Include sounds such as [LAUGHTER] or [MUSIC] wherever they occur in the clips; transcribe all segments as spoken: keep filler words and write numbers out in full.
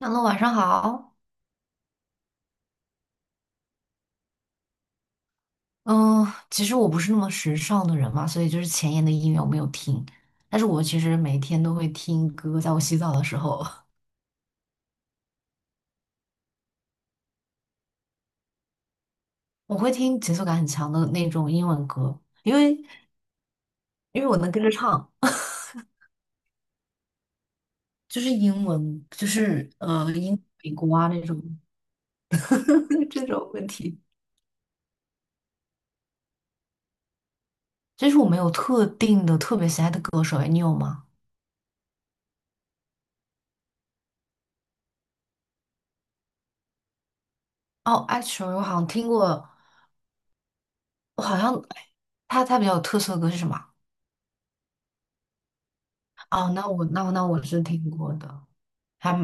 哈喽，晚上好。嗯，其实我不是那么时尚的人嘛，所以就是前沿的音乐我没有听，但是我其实每天都会听歌，在我洗澡的时候，[LAUGHS] 我会听节奏感很强的那种英文歌，因为因为我能跟着唱，[LAUGHS] 就是英文，就是呃英美国啊那种 [LAUGHS] 这种问题。其实我没有特定的特别喜爱的歌手，哎，你有吗？哦，actually 我好像听过，我好像哎他他比较有特色的歌是什么啊哦，那我那我那我是听过的。还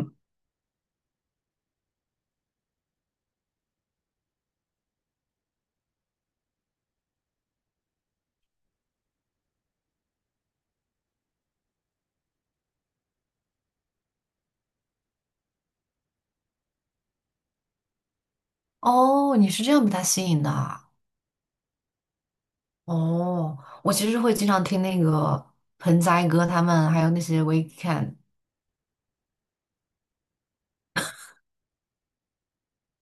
哦，你是这样被他吸引的啊？哦，我其实会经常听那个盆栽哥他们，还有那些 Weekend，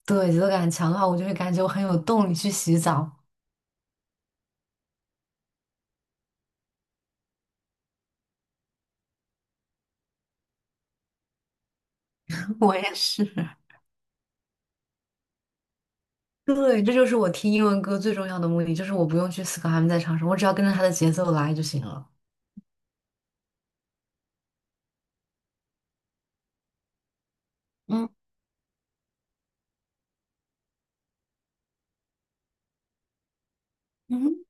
对，节奏感强的话，我就会感觉我很有动力去洗澡。[LAUGHS] 我也是。对，这就是我听英文歌最重要的目的，就是我不用去思考他们在唱什么，我只要跟着他的节奏来就行了。嗯嗯，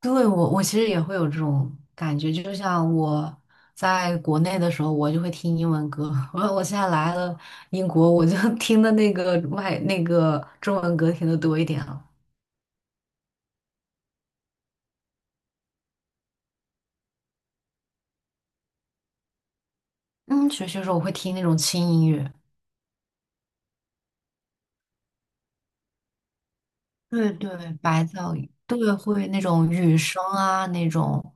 对，我我其实也会有这种感觉，就像我在国内的时候，我就会听英文歌。[LAUGHS] 我我现在来了英国，我就 [LAUGHS] 听的那个外那个中文歌听的多一点了。嗯，学习的时候我会听那种轻音乐，对对，白噪音，对，会那种雨声啊那种。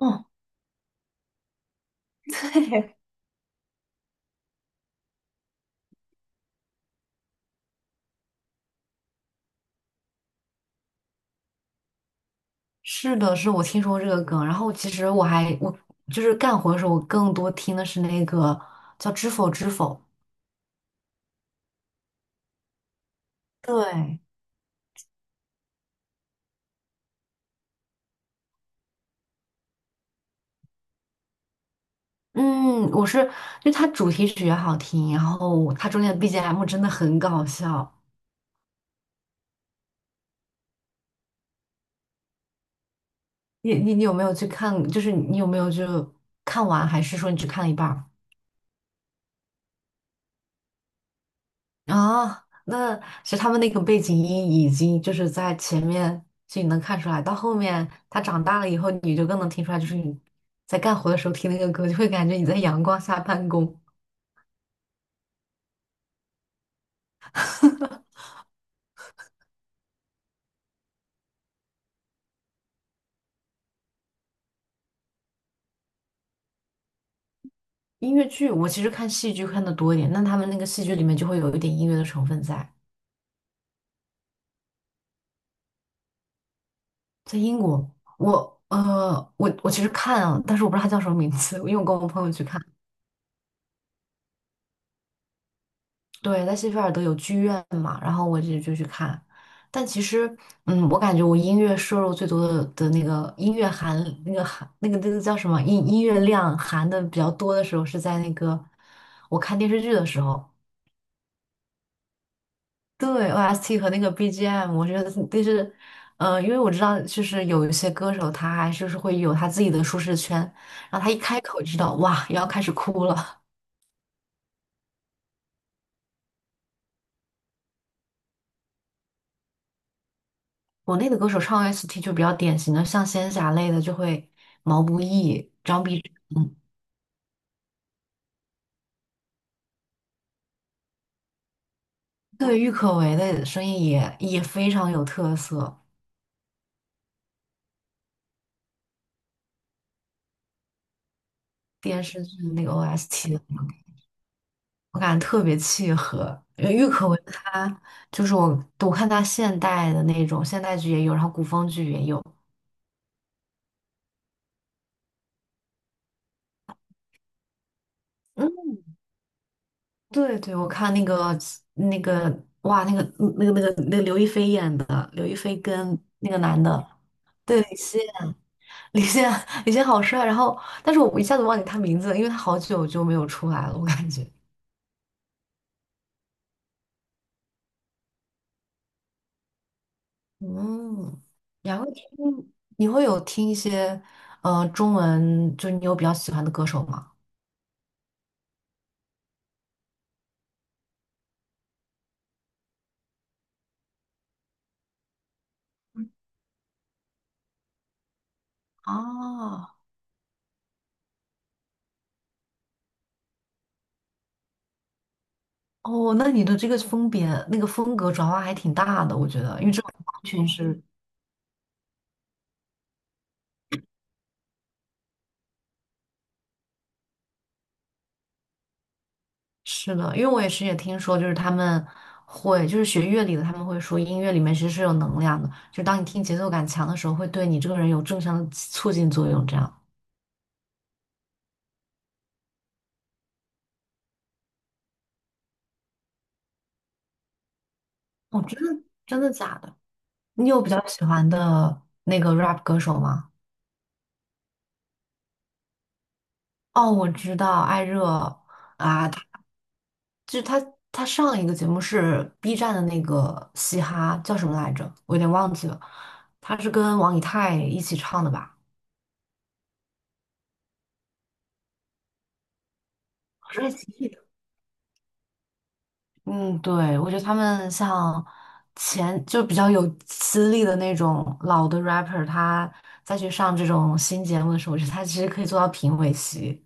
嗯，对，是的，是我听说过这个梗。然后其实我还我就是干活的时候，我更多听的是那个叫《知否知否》。对。嗯，我是，就它主题曲也好听，然后它中间的 B G M 真的很搞笑。你你你有没有去看？就是你有没有就看完，还是说你只看了一半儿？啊，那其实他们那个背景音已经就是在前面就你能看出来，到后面他长大了以后，你就更能听出来，就是你在干活的时候听那个歌，就会感觉你在阳光下办公。音乐剧我其实看戏剧看的多一点，那他们那个戏剧里面就会有一点音乐的成分在。在英国，我呃，我我其实看啊，但是我不知道它叫什么名字，因为我跟我朋友去看。对，在谢菲尔德有剧院嘛，然后我就就去看。但其实，嗯，我感觉我音乐摄入最多的的那个音乐含那个含那个那个叫什么音音乐量含的比较多的时候，是在那个我看电视剧的时候。对 O S T 和那个 B G M，我觉得就是，嗯、因为我知道，就是有一些歌手他还是是会有他自己的舒适圈，然后他一开口就知道，哇，又要开始哭了。国内的歌手唱 O S T 就比较典型的，像仙侠类的就会毛不易、张碧晨，对，郁可唯的声音也也非常有特色。电视剧的那个 O S T，我感觉特别契合。因为郁可唯她就是我，我看她现代的那种现代剧也有，然后古风剧也有。嗯。对对，我看那个那个哇，那个那个那个那个刘亦菲演的，刘亦菲跟那个男的，对，李现，李现，[LAUGHS] 李现好帅。然后，但是我一下子忘记他名字了因为他好久就没有出来了，我感觉。嗯，然后听你会有听一些呃中文，就你有比较喜欢的歌手吗？啊，哦，那你的这个风别那个风格转化还挺大的，我觉得，因为这完全是是的，因为我也是也听说，就是他们会，就是学乐理的，他们会说音乐里面其实是有能量的，就当你听节奏感强的时候，会对你这个人有正向的促进作用。这样，哦，真的真的假的？你有比较喜欢的那个 rap 歌手吗？哦，我知道艾热啊，他就是他，他上一个节目是 B 站的那个嘻哈叫什么来着？我有点忘记了，他是跟王以太一起唱的吧？好像是嗯，对，我觉得他们像前就比较有资历的那种老的 rapper，他再去上这种新节目的时候，我觉得他其实可以做到评委席。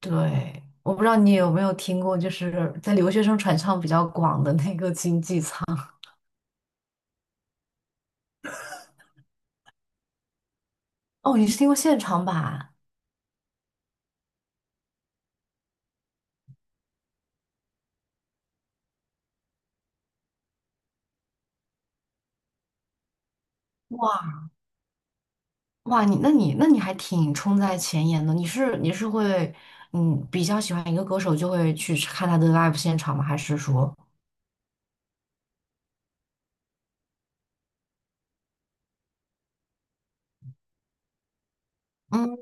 对，我不知道你有没有听过，就是在留学生传唱比较广的那个经济舱。哦，你是听过现场版？哇哇，你那你那你还挺冲在前沿的。你是你是会嗯比较喜欢一个歌手就会去看他的 live 现场吗？还是说？嗯？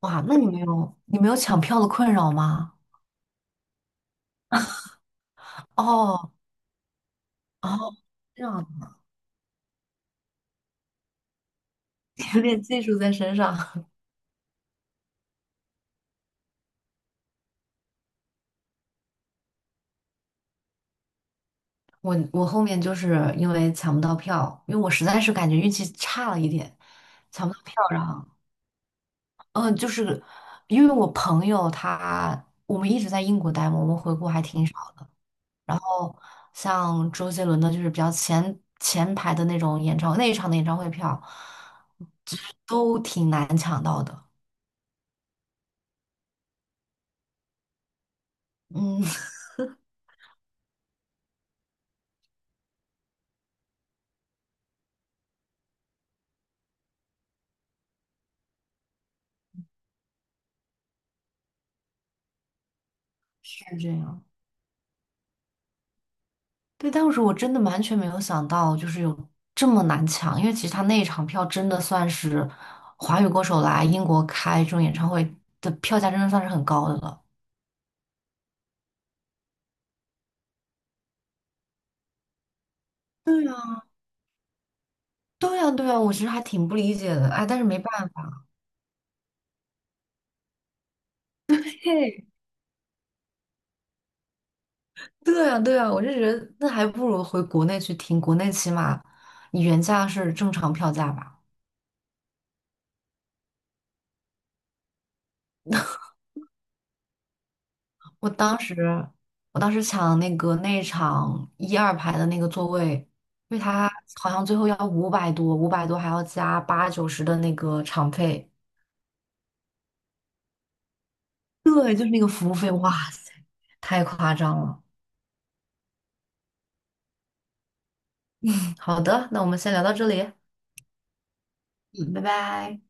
哇，那你没有你没有抢票的困扰吗？哦哦，这样 [LAUGHS] 有点技术在身上。[LAUGHS] 我我后面就是因为抢不到票，因为我实在是感觉运气差了一点，抢不到票，然后嗯、呃就是因为我朋友他我们一直在英国待嘛，我们回国还挺少。然后像周杰伦的，就是比较前前排的那种演唱那一场的演唱会票，就是都挺难抢到的。嗯，[LAUGHS] 是这样。对，当时我真的完全没有想到，就是有这么难抢，因为其实他那一场票真的算是华语歌手来英国开这种演唱会的票价，真的算是很高的了。对呀，对呀，对呀，我其实还挺不理解的，哎，但是没办法 [LAUGHS]。嘿，对呀，对呀，我就觉得那还不如回国内去听，国内起码你原价是正常票价吧。我当时，我当时抢那个内场一二排的那个座位，因为他好像最后要五百多，五百多还要加八九十的那个场费，对，就是那个服务费，哇塞，太夸张了。好的，那我们先聊到这里，嗯，拜拜。